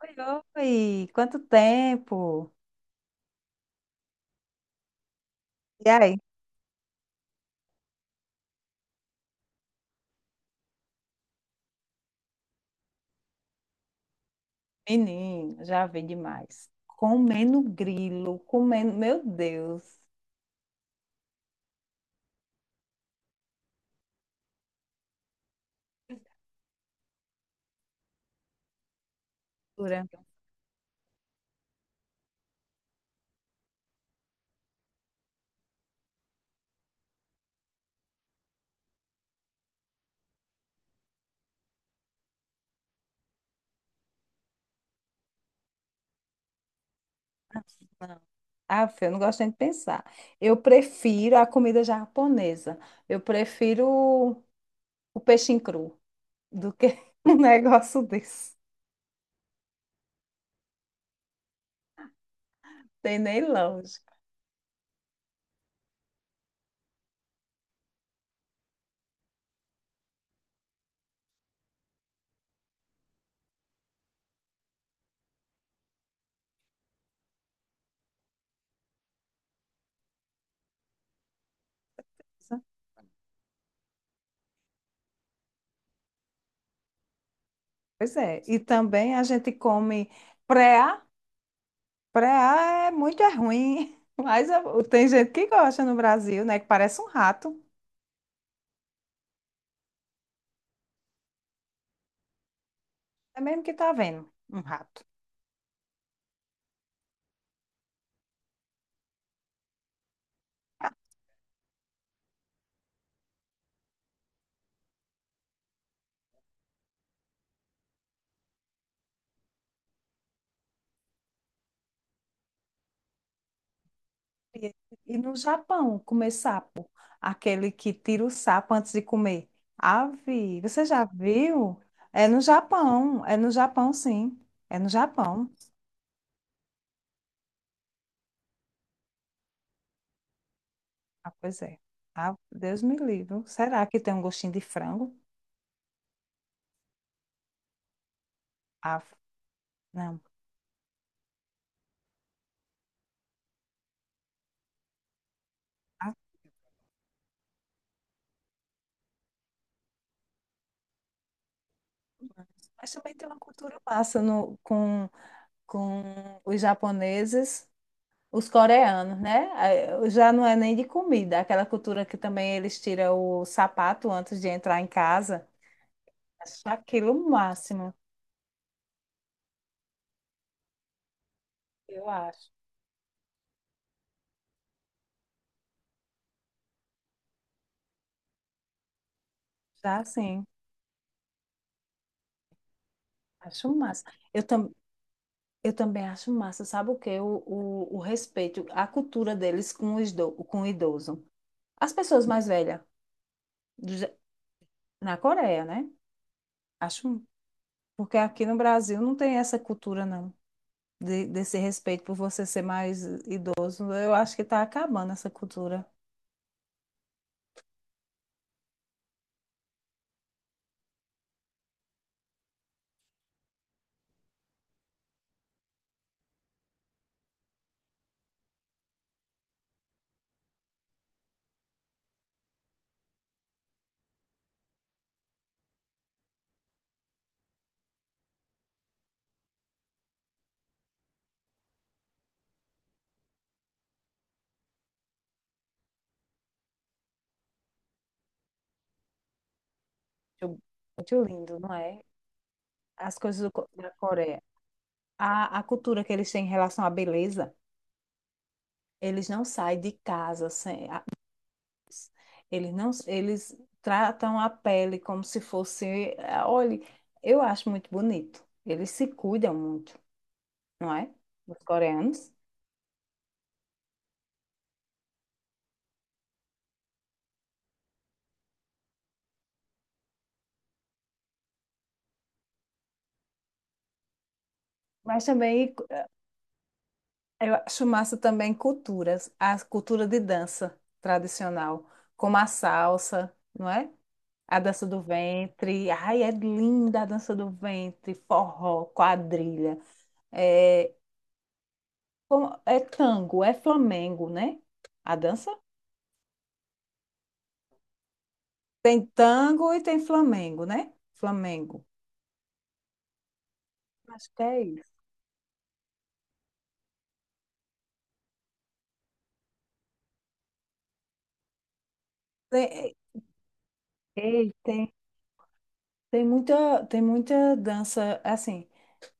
Oi, oi! Quanto tempo? E aí? Menino, já vi demais. Comendo grilo, comendo. Meu Deus! Dura. Não. Ah, filho, eu não gosto nem de pensar. Eu prefiro a comida japonesa. Eu prefiro o peixe cru do que um negócio desse. Tem nem lógica. Pois é. E também a gente come preá. Preá é muito é ruim, mas tem gente que gosta no Brasil, né? Que parece um rato. É mesmo que tá vendo um rato. E, e no Japão, comer sapo, aquele que tira o sapo antes de comer. Ave, você já viu? É no Japão, sim. É no Japão. Ah, pois é. Ah, Deus me livre. Será que tem um gostinho de frango? Ah, não. Ah, mas também tem uma cultura massa no, com os japoneses. Os coreanos, né? Já não é nem de comida, aquela cultura que também eles tiram o sapato antes de entrar em casa. Acho aquilo o máximo, eu acho. Já sim, acho massa. Eu, tam, eu também acho massa, sabe o quê? O respeito, a cultura deles com com o idoso. As pessoas mais velhas, do Ja- na Coreia, né? Acho, porque aqui no Brasil não tem essa cultura, não, desse respeito por você ser mais idoso. Eu acho que está acabando essa cultura. Muito muito lindo, não é? As coisas da Coreia. A cultura que eles têm em relação à beleza, eles não saem de casa sem. A- Eles não, eles tratam a pele como se fosse. Ah, olhe, eu acho muito bonito. Eles se cuidam muito, não é? Os coreanos. Mas também eu acho massa também culturas, a cultura de dança tradicional, como a salsa, não é? A dança do ventre, ai, é linda a dança do ventre, forró, quadrilha, é, é tango, é flamengo, né? A dança? Tem tango e tem flamengo, né? Flamengo. Acho que é isso. Tem, ei, tem, tem muita dança, assim.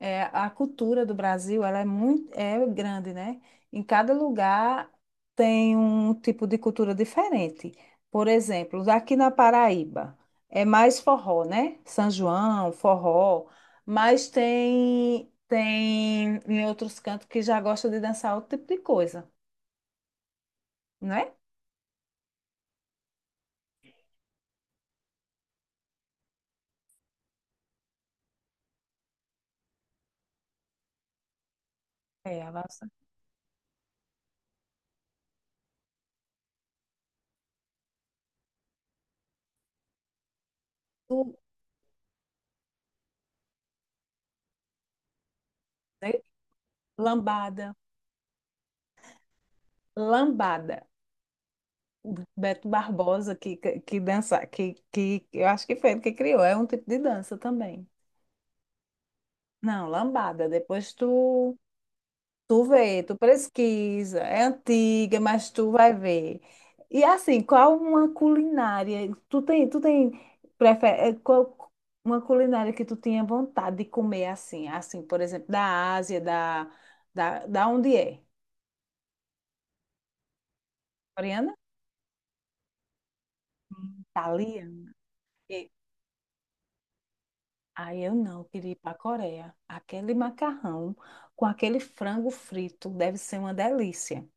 É, a cultura do Brasil, ela é grande, né? Em cada lugar tem um tipo de cultura diferente. Por exemplo, aqui na Paraíba é mais forró, né? São João, forró, mas tem em outros cantos que já gosta de dançar outro tipo de coisa, né? É, a nossa. Tu- né? Lambada, lambada. O Beto Barbosa que dança, que eu acho que foi ele que criou, é um tipo de dança também. Não, lambada. Depois tu vê, tu pesquisa. É antiga, mas tu vai ver. E assim, qual uma culinária? Tu tem qual uma culinária que tu tinha vontade de comer assim? Assim, por exemplo, da Ásia, da onde é? Coreana? Hum. Italiana? E- Aí eu não, eu queria ir para a Coreia. Aquele macarrão com aquele frango frito deve ser uma delícia.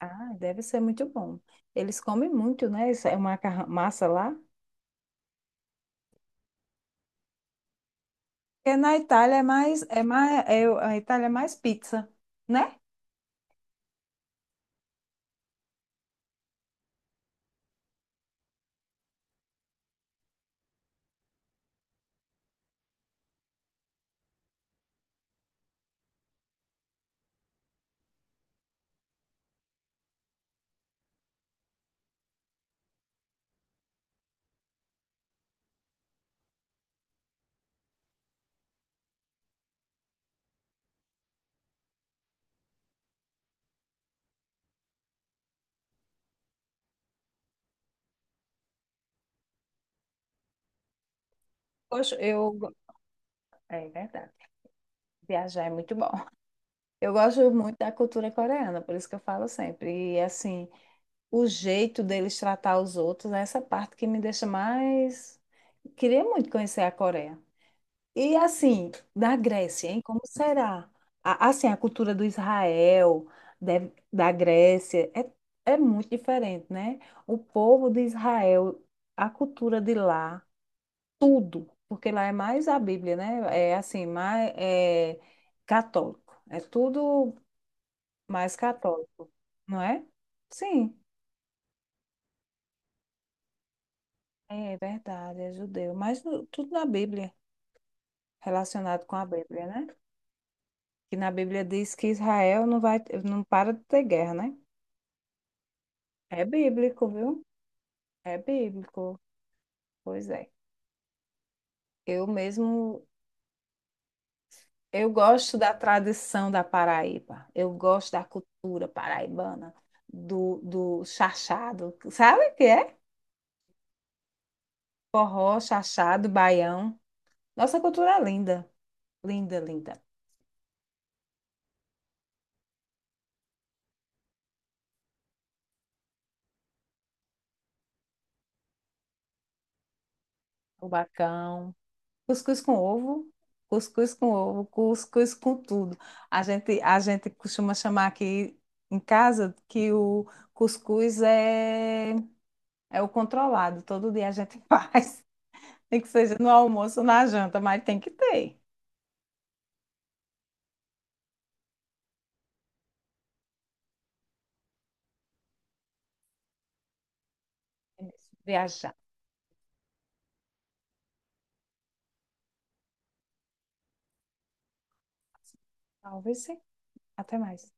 Ah, deve ser muito bom. Eles comem muito, né? Isso é uma massa lá. Porque na Itália é mais, é, a Itália é mais pizza, né? Poxa, eu, é verdade. Viajar é muito bom. Eu gosto muito da cultura coreana, por isso que eu falo sempre. E assim, o jeito deles tratar os outros é essa parte que me deixa mais. Queria muito conhecer a Coreia. E assim, da Grécia, hein? Como será? Assim, a cultura do Israel, da Grécia, é, é muito diferente, né? O povo de Israel, a cultura de lá, tudo, porque lá é mais a Bíblia, né? É assim, mais é católico. É tudo mais católico, não é? Sim, é verdade, é judeu, mas tudo na Bíblia, relacionado com a Bíblia, né? Que na Bíblia diz que Israel não para de ter guerra, né? É bíblico, viu? É bíblico. Pois é. Eu mesmo, eu gosto da tradição da Paraíba. Eu gosto da cultura paraibana, do chachado. Sabe o que é? Forró, chachado, baião. Nossa cultura é linda, linda, linda. O bacão. Cuscuz com ovo, cuscuz com ovo, cuscuz com tudo. A gente costuma chamar aqui em casa que o cuscuz é o controlado. Todo dia a gente faz, nem que seja no almoço ou na janta, mas tem que ter. É isso. Viajar. Talvez sim. Até mais.